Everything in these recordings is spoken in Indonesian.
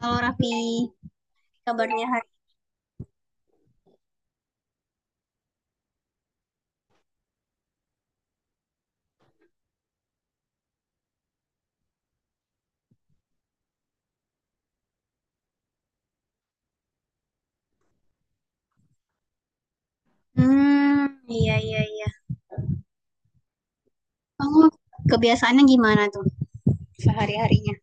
Halo Raffi, kabarnya hari? Hmm. Iya, iya, iya. Kamu kebiasaannya gimana tuh sehari-harinya?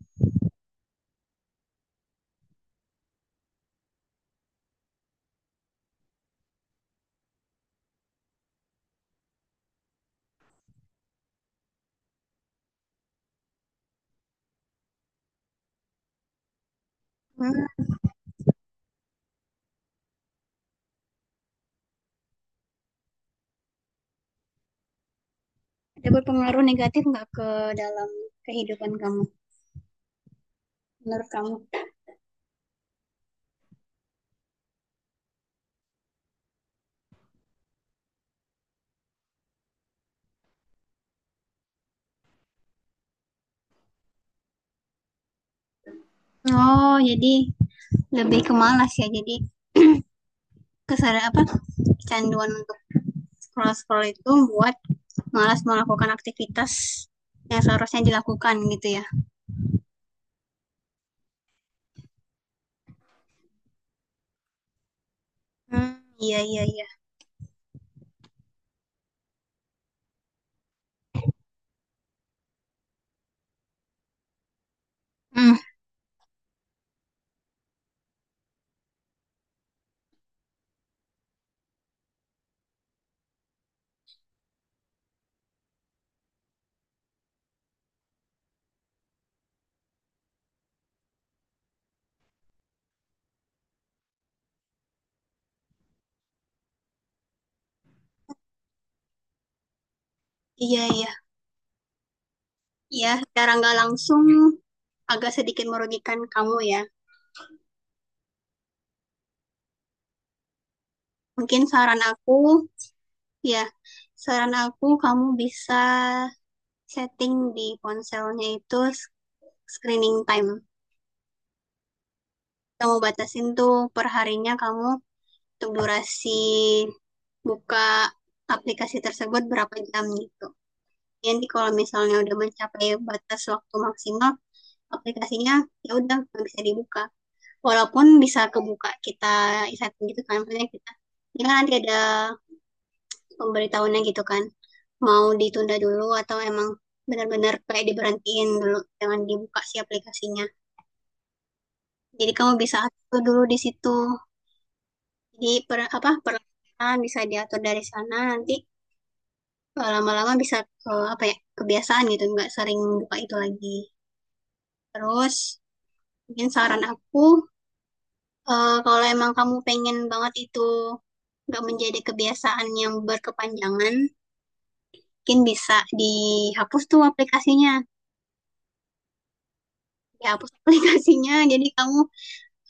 Hmm, ada berpengaruh negatif nggak ke dalam kehidupan kamu? Menurut kamu? Oh, jadi lebih ke malas ya. Jadi kesadaran apa kecanduan untuk scroll-scroll itu buat malas melakukan aktivitas yang seharusnya dilakukan gitu ya. Hmm, iya, iya, iya. Hmm, iya, iya. Iya, secara nggak langsung agak sedikit merugikan kamu ya. Mungkin ya, saran aku kamu bisa setting di ponselnya itu screening time. Kamu batasin tuh perharinya kamu untuk durasi buka aplikasi tersebut berapa jam gitu. Jadi kalau misalnya udah mencapai batas waktu maksimal, aplikasinya ya udah nggak bisa dibuka. Walaupun bisa kebuka kita setting gitu kan, maksudnya kita, ini kan nanti ada pemberitahuannya gitu kan. Mau ditunda dulu atau emang benar-benar kayak diberhentiin dulu, jangan dibuka si aplikasinya. Jadi kamu bisa atur dulu di situ. Jadi perlahan bisa diatur dari sana. Nanti lama-lama bisa ke apa ya, kebiasaan gitu nggak sering buka itu lagi. Terus mungkin saran aku, kalau emang kamu pengen banget itu nggak menjadi kebiasaan yang berkepanjangan, mungkin bisa dihapus tuh aplikasinya. Dihapus aplikasinya jadi kamu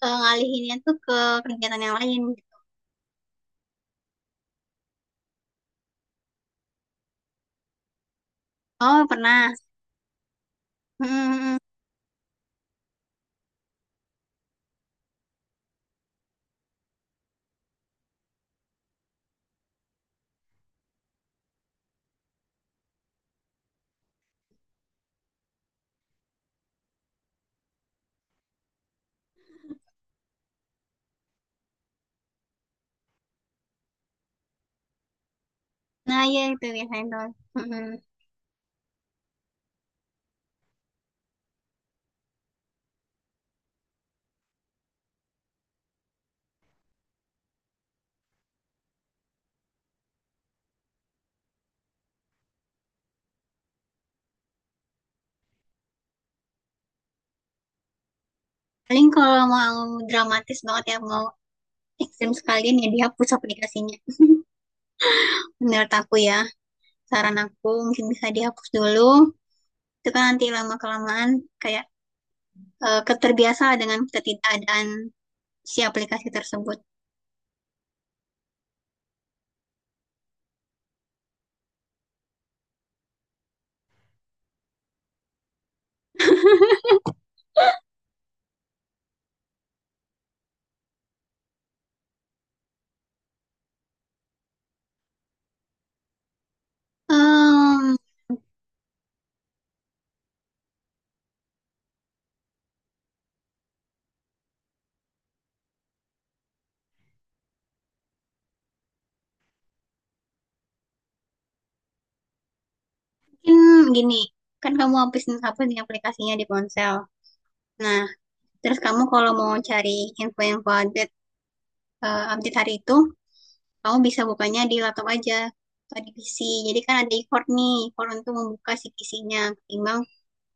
ngalihinnya tuh ke kegiatan yang lain. Oh, pernah. Hmm. Hmm, hmm. Nah, ya, itu biasanya tuh. Hmm. Hmm. Paling kalau mau dramatis banget ya, mau ekstrim sekalian ya dihapus aplikasinya. Menurut aku ya, saran aku mungkin bisa dihapus dulu. Itu kan nanti lama kelamaan kayak, keterbiasa dengan ketidakadaan si aplikasi tersebut. Em, Mungkin gini, kan kamu hapus nih aplikasinya di ponsel. Nah, terus kamu kalau mau cari info-info update, update hari itu, kamu bisa bukanya di laptop aja atau di PC. Jadi kan ada effort nih, effort untuk membuka si PC-nya. Ketimbang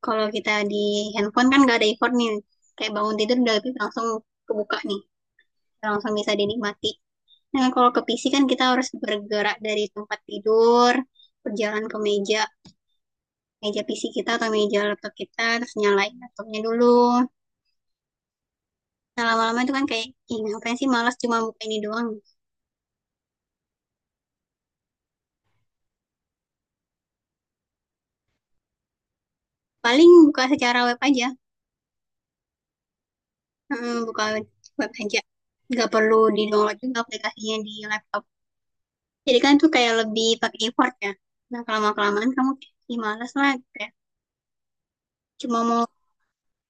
kalau kita di handphone kan nggak ada effort nih. Kayak bangun tidur udah langsung kebuka nih, langsung bisa dinikmati. Nah kalau ke PC kan kita harus bergerak dari tempat tidur, berjalan ke meja, meja PC kita atau meja laptop kita, terus nyalain laptopnya dulu. Nah, lama-lama itu kan kayak, ih ngapain sih malas cuma buka ini doang. Paling buka secara web aja. Heeh, buka web, web aja. Nggak perlu di-download juga aplikasinya di laptop. Jadi kan tuh kayak lebih pakai effort ya. Nah, kelamaan-kelamaan kamu kayak malas lah, kayak cuma mau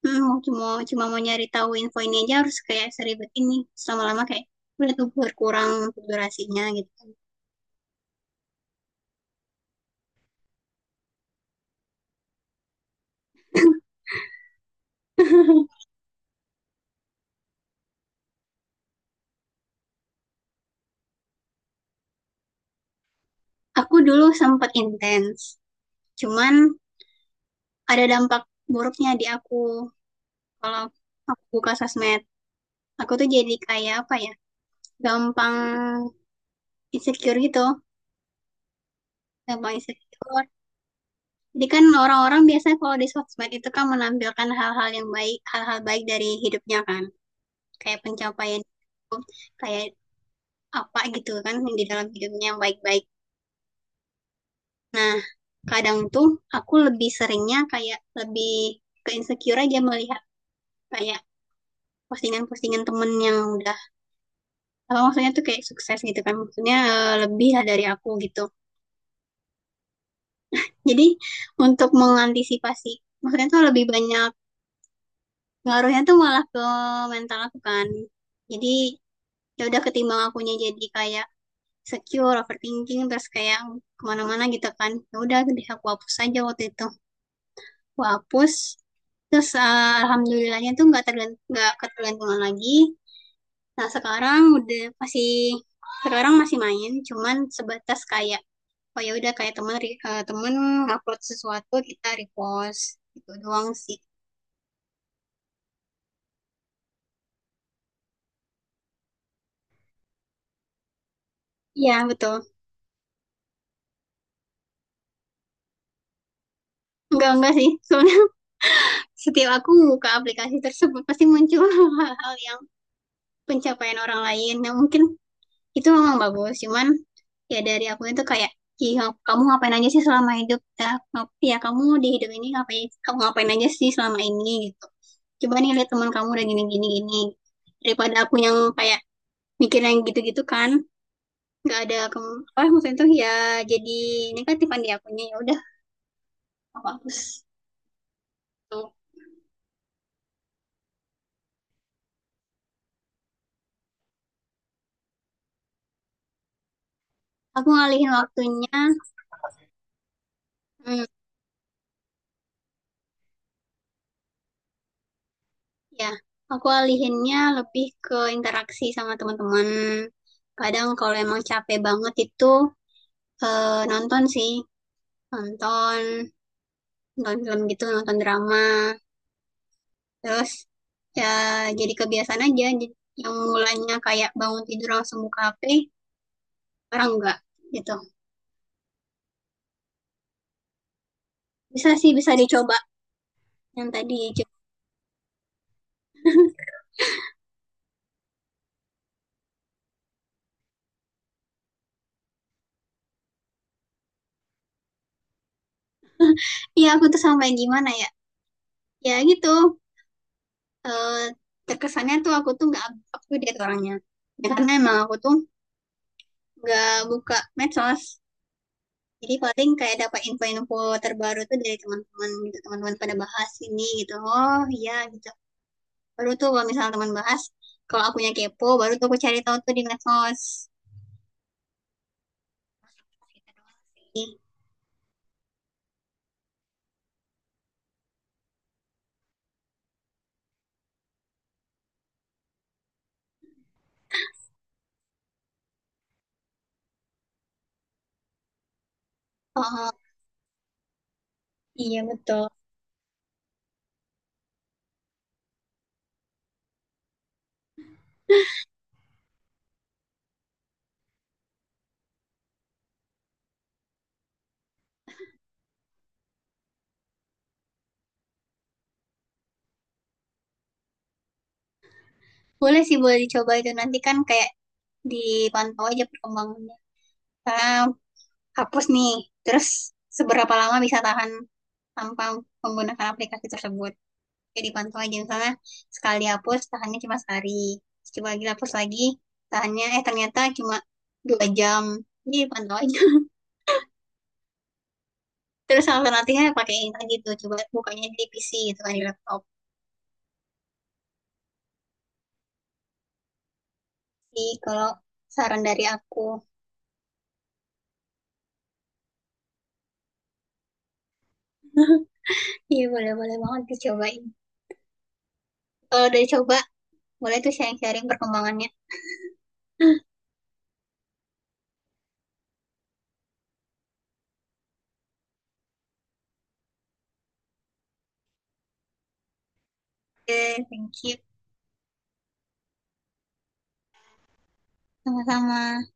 hmm, cuma mau nyari tahu info ini aja harus kayak seribet ini. Lama lama kayak udah tuh berkurang untuk durasinya gitu kan. Aku dulu sempat intens, cuman ada dampak buruknya di aku. Kalau aku buka sosmed, aku tuh jadi kayak apa ya, gampang insecure gitu, gampang insecure. Jadi kan orang-orang biasanya kalau di sosmed itu kan menampilkan hal-hal yang baik, hal-hal baik dari hidupnya kan. Kayak pencapaian hidup, kayak apa gitu kan di dalam hidupnya yang baik-baik. Nah, kadang tuh aku lebih seringnya kayak lebih ke insecure aja, melihat kayak postingan-postingan temen yang udah apa maksudnya tuh kayak sukses gitu kan, maksudnya lebih lah dari aku gitu. Jadi untuk mengantisipasi, maksudnya tuh lebih banyak ngaruhnya tuh malah ke mental aku kan. Jadi ya udah, ketimbang akunya jadi kayak secure overthinking terus kayak kemana-mana gitu kan, ya udah deh aku hapus aja waktu itu. Aku hapus, terus alhamdulillahnya tuh nggak nggak ketergantungan lagi. Nah, sekarang masih main cuman sebatas kayak, oh ya udah, kayak teman upload sesuatu kita repost gitu doang sih. Iya betul. Enggak sih. Setiap aku membuka aplikasi tersebut pasti muncul hal-hal yang pencapaian orang lain yang mungkin itu memang bagus, cuman ya dari aku itu kayak, "Ih, kamu ngapain aja sih selama hidup ya, ya kamu di hidup ini ngapain, kamu ngapain aja sih selama ini gitu, coba nih lihat teman kamu udah gini gini gini." Daripada aku yang kayak mikir yang gitu-gitu kan nggak ada apa maksudnya tuh ya, jadi negatifan di akunya, ya udah aku hapus tuh. Aku ngalihin waktunya. hmm, Ya, aku alihinnya lebih ke interaksi sama teman-teman. Kadang kalau emang capek banget itu nonton sih, nonton, nonton film gitu, nonton drama. Terus ya jadi kebiasaan aja. Jadi yang mulanya kayak bangun tidur langsung buka HP, sekarang enggak gitu. Bisa sih, bisa dicoba yang tadi. Iya, aku tuh sampai gimana ya? Ya gitu, eh, terkesannya tuh aku tuh nggak up to date orangnya. Ya, karena emang aku tuh nggak buka medsos. Jadi paling kayak dapat info-info terbaru tuh dari teman-teman gitu. Teman-teman pada bahas ini gitu. Oh iya gitu. Baru tuh kalau misalnya teman bahas, kalau akunya kepo, baru tuh aku cari tahu tuh di medsos. Iya. Oh iya betul. Boleh sih, boleh dicoba itu nanti kan kayak dipantau aja perkembangannya. Karena hapus nih, terus seberapa lama bisa tahan tanpa menggunakan aplikasi tersebut. Kayak dipantau aja, misalnya sekali dihapus tahannya cuma sehari, coba lagi hapus lagi, tahannya ternyata cuma 2 jam. Jadi dipantau aja. Terus alternatifnya pakai ini tadi, tuh coba bukanya di PC gitu kan di laptop. Jadi kalau saran dari aku. Iya, boleh, boleh banget dicobain. Kalau udah coba, boleh tuh sharing-sharing perkembangannya. Oke, thank you. Sama-sama.